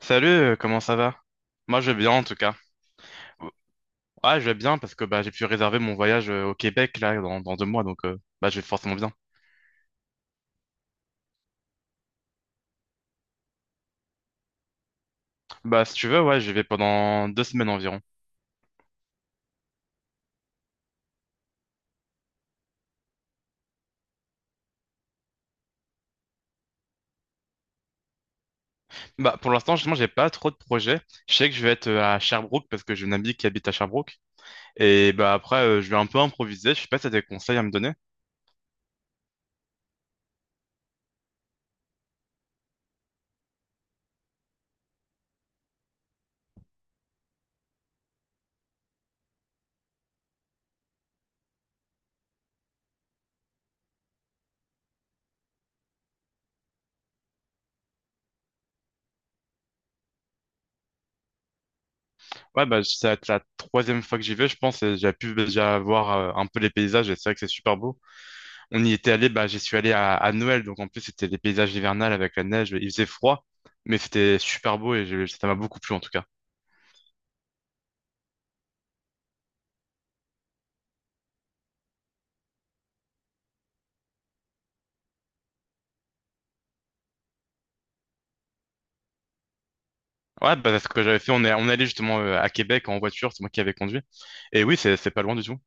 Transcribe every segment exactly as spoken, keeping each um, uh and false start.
Salut, euh, comment ça va? Moi je vais bien en tout cas. Ouais, je vais bien parce que bah, j'ai pu réserver mon voyage euh, au Québec là dans, dans deux mois donc euh, bah, je vais forcément bien. Bah si tu veux, ouais, je vais pendant deux semaines environ. Bah pour l'instant, justement, j'ai pas trop de projets. Je sais que je vais être euh, à Sherbrooke parce que j'ai une amie qui habite à Sherbrooke. Et bah après, euh, je vais un peu improviser. Je sais pas si t'as des conseils à me donner. Ouais, bah ça va être la troisième fois que j'y vais, je pense, et j'ai pu déjà voir euh, un peu les paysages et c'est vrai que c'est super beau. On y était allé, bah, j'y suis allé à, à Noël, donc en plus c'était des paysages hivernales avec la neige, il faisait froid, mais c'était super beau et je- ça m'a beaucoup plu en tout cas. Ouais, bah, c'est ce que j'avais fait, on est, on est allé justement euh, à Québec en voiture, c'est moi qui avais conduit. Et oui, c'est c'est pas loin du tout.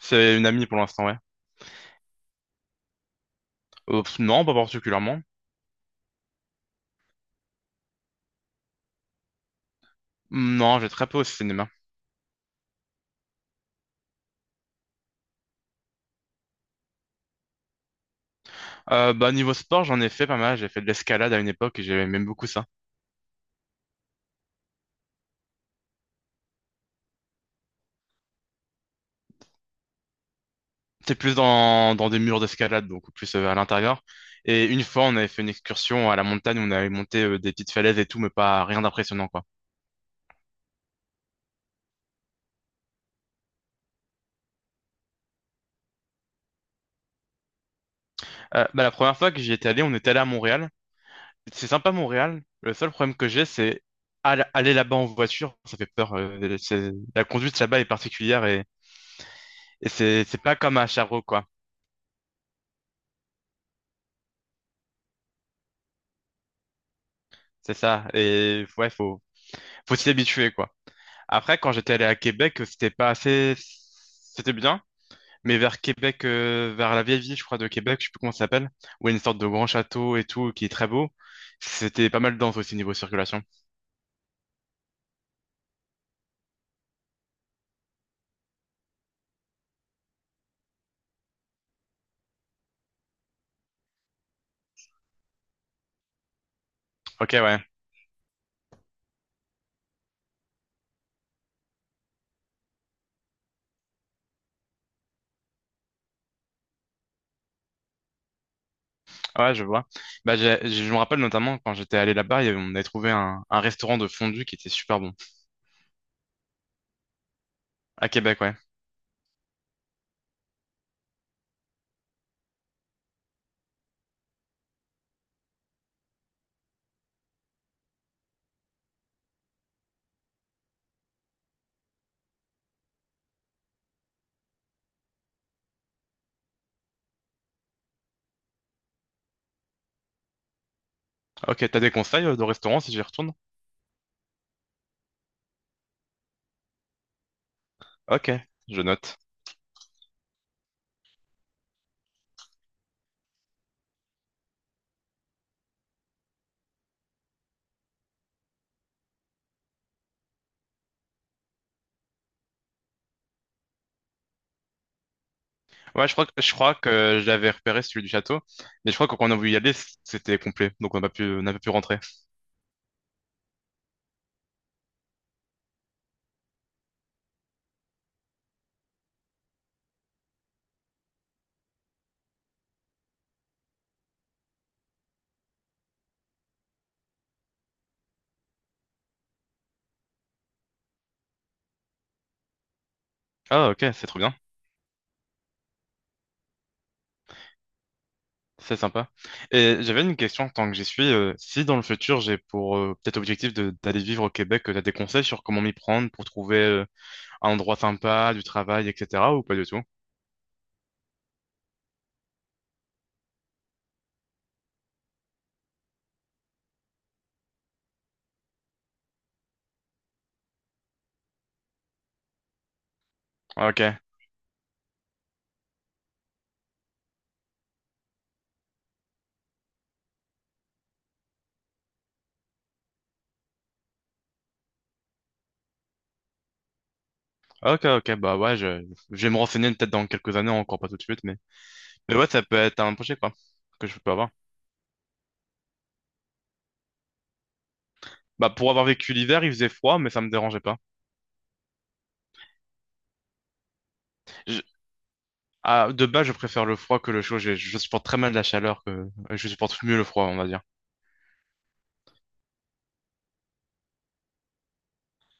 C'est une amie pour l'instant, ouais. Euh, pff, non, pas particulièrement. Non, j'ai très peu au cinéma. Euh, bah, niveau sport, j'en ai fait pas mal. J'ai fait de l'escalade à une époque et j'aimais même beaucoup ça. C'était plus dans, dans des murs d'escalade, donc plus euh, à l'intérieur. Et une fois, on avait fait une excursion à la montagne où on avait monté euh, des petites falaises et tout, mais pas rien d'impressionnant, quoi. Euh, bah, la première fois que j'y étais allé, on était allé à Montréal. C'est sympa, Montréal. Le seul problème que j'ai, c'est al- aller là-bas en voiture, ça fait peur. Euh, c'est- la conduite là-bas est particulière, et, et c'est c'est pas comme à Sherbrooke, quoi. C'est ça. Et ouais, faut, faut s'y habituer, quoi. Après, quand j'étais allé à Québec, euh, c'était pas assez, c'était bien, mais vers Québec, euh, vers la vieille ville, je crois, de Québec, je sais plus comment ça s'appelle, où il y a une sorte de grand château et tout, qui est très beau. C'était pas mal dense aussi niveau circulation. Ok, ouais, ouais, je vois. Bah, j'ai- j'ai- je me rappelle notamment quand j'étais allé là-bas, il y avait- on avait trouvé un, un restaurant de fondue qui était super bon. À Québec, ouais. Ok, t'as des conseils euh, de restaurants si j'y retourne? Ok, je note. Ouais, je crois que, je crois que je l'avais repéré celui du château, mais je crois que quand on a voulu y aller, c'était complet, donc on n'a pas pu, on n'a pas pu rentrer. Ah ok, c'est trop bien, c'est sympa. Et j'avais une question tant que j'y suis, euh, si dans le futur j'ai pour euh, peut-être objectif de- d'aller vivre au Québec, tu as des conseils sur comment m'y prendre pour trouver euh, un endroit sympa, du travail, et cetera ou pas du tout? Ok, ok, ok, bah ouais, je, je vais me renseigner peut-être dans quelques années, encore pas tout de suite, mais, mais, ouais, ça peut être un projet quoi, que je peux avoir. Bah pour avoir vécu l'hiver, il faisait froid, mais ça me dérangeait pas. Je- ah, de base, je préfère le froid que le chaud, je, je supporte très mal la chaleur, que je supporte mieux le froid, on va dire.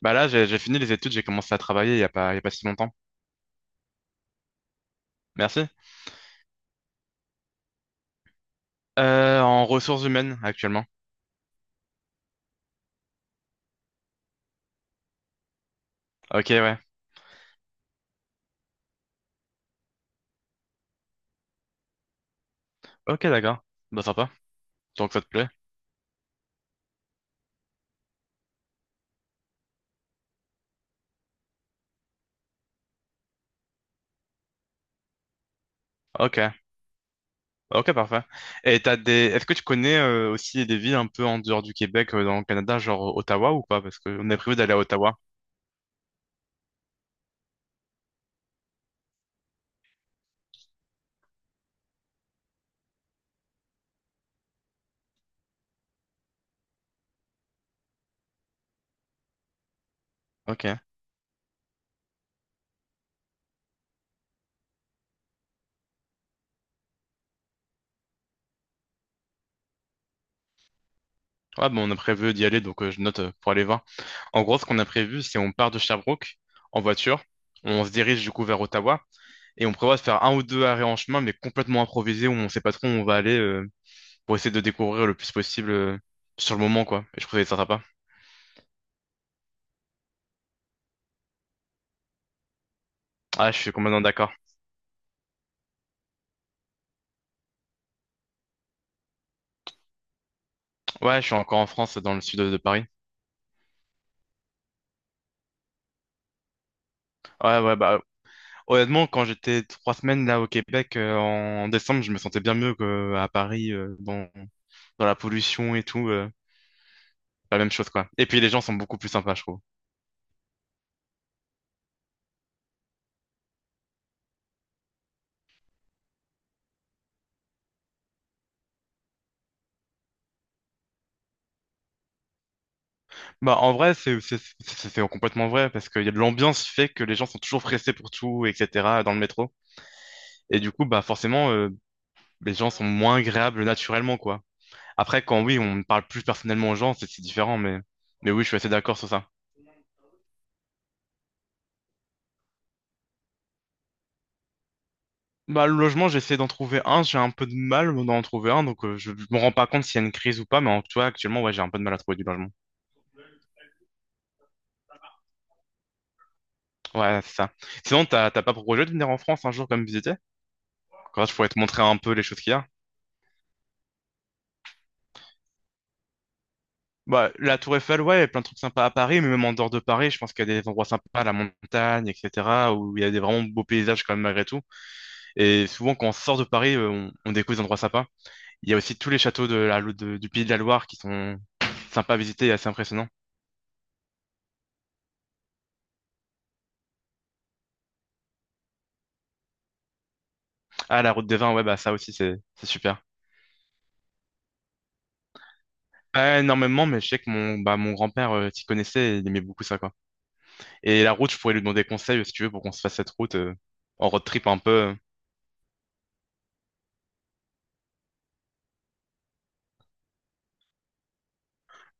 Bah là, j'ai j'ai fini les études, j'ai commencé à travailler il y a pas, il y a pas si longtemps. Merci. Euh, en ressources humaines actuellement. Ok, ouais. Ok, d'accord. Bah sympa. Donc ça te plaît. Ok. Ok, parfait. Et t'as des... Est-ce que tu connais euh, aussi des villes un peu en dehors du Québec, euh, dans le Canada, genre Ottawa ou pas? Parce qu'on a prévu d'aller à Ottawa. Ok. Ouais, bon, on a prévu d'y aller, donc euh, je note euh, pour aller voir. En gros, ce qu'on a prévu, c'est on part de Sherbrooke en voiture. On se dirige du coup vers Ottawa et on prévoit de faire un ou deux arrêts en chemin, mais complètement improvisés où on sait pas trop où on va aller. Euh, pour essayer de découvrir le plus possible euh, sur le moment, quoi. Et je trouvais ça sympa. Ah, je suis complètement d'accord. Ouais, je suis encore en France, dans le sud de, de Paris. Ouais, ouais, bah, honnêtement, quand j'étais trois semaines là au Québec euh, en décembre, je me sentais bien mieux qu'à Paris, euh, dans, dans la pollution et tout. Euh, la même chose, quoi. Et puis les gens sont beaucoup plus sympas, je trouve. Bah, en vrai, c'est c'est- c'est- c'est complètement vrai, parce que y a de l'ambiance fait que les gens sont toujours pressés pour tout, et cetera, dans le métro. Et du coup, bah, forcément, euh, les gens sont moins agréables naturellement, quoi. Après, quand oui, on parle plus personnellement aux gens, c'est c'est différent, mais, mais oui, je suis assez d'accord sur ça. Bah, le logement, j'essaie d'en trouver un, j'ai un peu de mal d'en trouver un, donc euh, je je me rends pas compte s'il y a une crise ou pas, mais en tout cas, actuellement, ouais, j'ai un peu de mal à trouver du logement. Ouais, c'est ça. Sinon, t'as t'as pas pour projet de venir en France un jour comme visiter? Quand je pourrais te montrer un peu les choses qu'il y a. Bah, la Tour Eiffel, ouais, il y a plein de trucs sympas à Paris, mais même en dehors de Paris, je pense qu'il y a des endroits sympas, la montagne, et cetera, où il y a des vraiment beaux paysages quand même malgré tout. Et souvent, quand on sort de Paris, euh, on, on découvre des endroits sympas. Il y a aussi tous les châteaux de la, Lo- de- du Pays de la Loire qui sont sympas à visiter et assez impressionnants. Ah, la Route des Vins, ouais, bah ça aussi, c'est c'est super. Pas énormément, mais je sais que mon, bah, mon grand-père euh, s'y connaissait et il aimait beaucoup ça, quoi. Et la route, je pourrais lui demander conseil, euh, si tu veux, pour qu'on se fasse cette route euh, en road trip un peu. euh.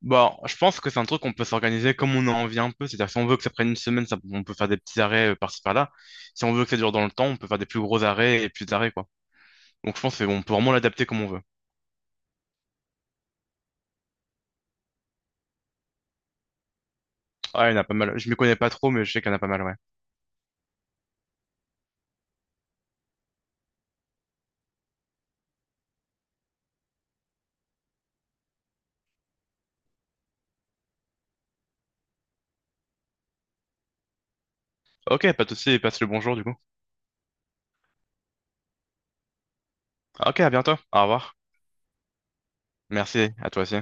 Bon, je pense que c'est un truc qu'on peut s'organiser comme on a envie un peu. C'est-à-dire, que si on veut que ça prenne une semaine, ça- on peut faire des petits arrêts euh, par-ci par-là. Si on veut que ça dure dans le temps, on peut faire des plus gros arrêts et plus d'arrêts, quoi. Donc, je pense qu'on peut vraiment l'adapter comme on veut. Ah, il y en a pas mal. Je m'y connais pas trop, mais je sais qu'il y en a pas mal, ouais. Ok, pas de souci, passe le bonjour du coup. Ok, à bientôt. Au revoir. Merci, à toi aussi.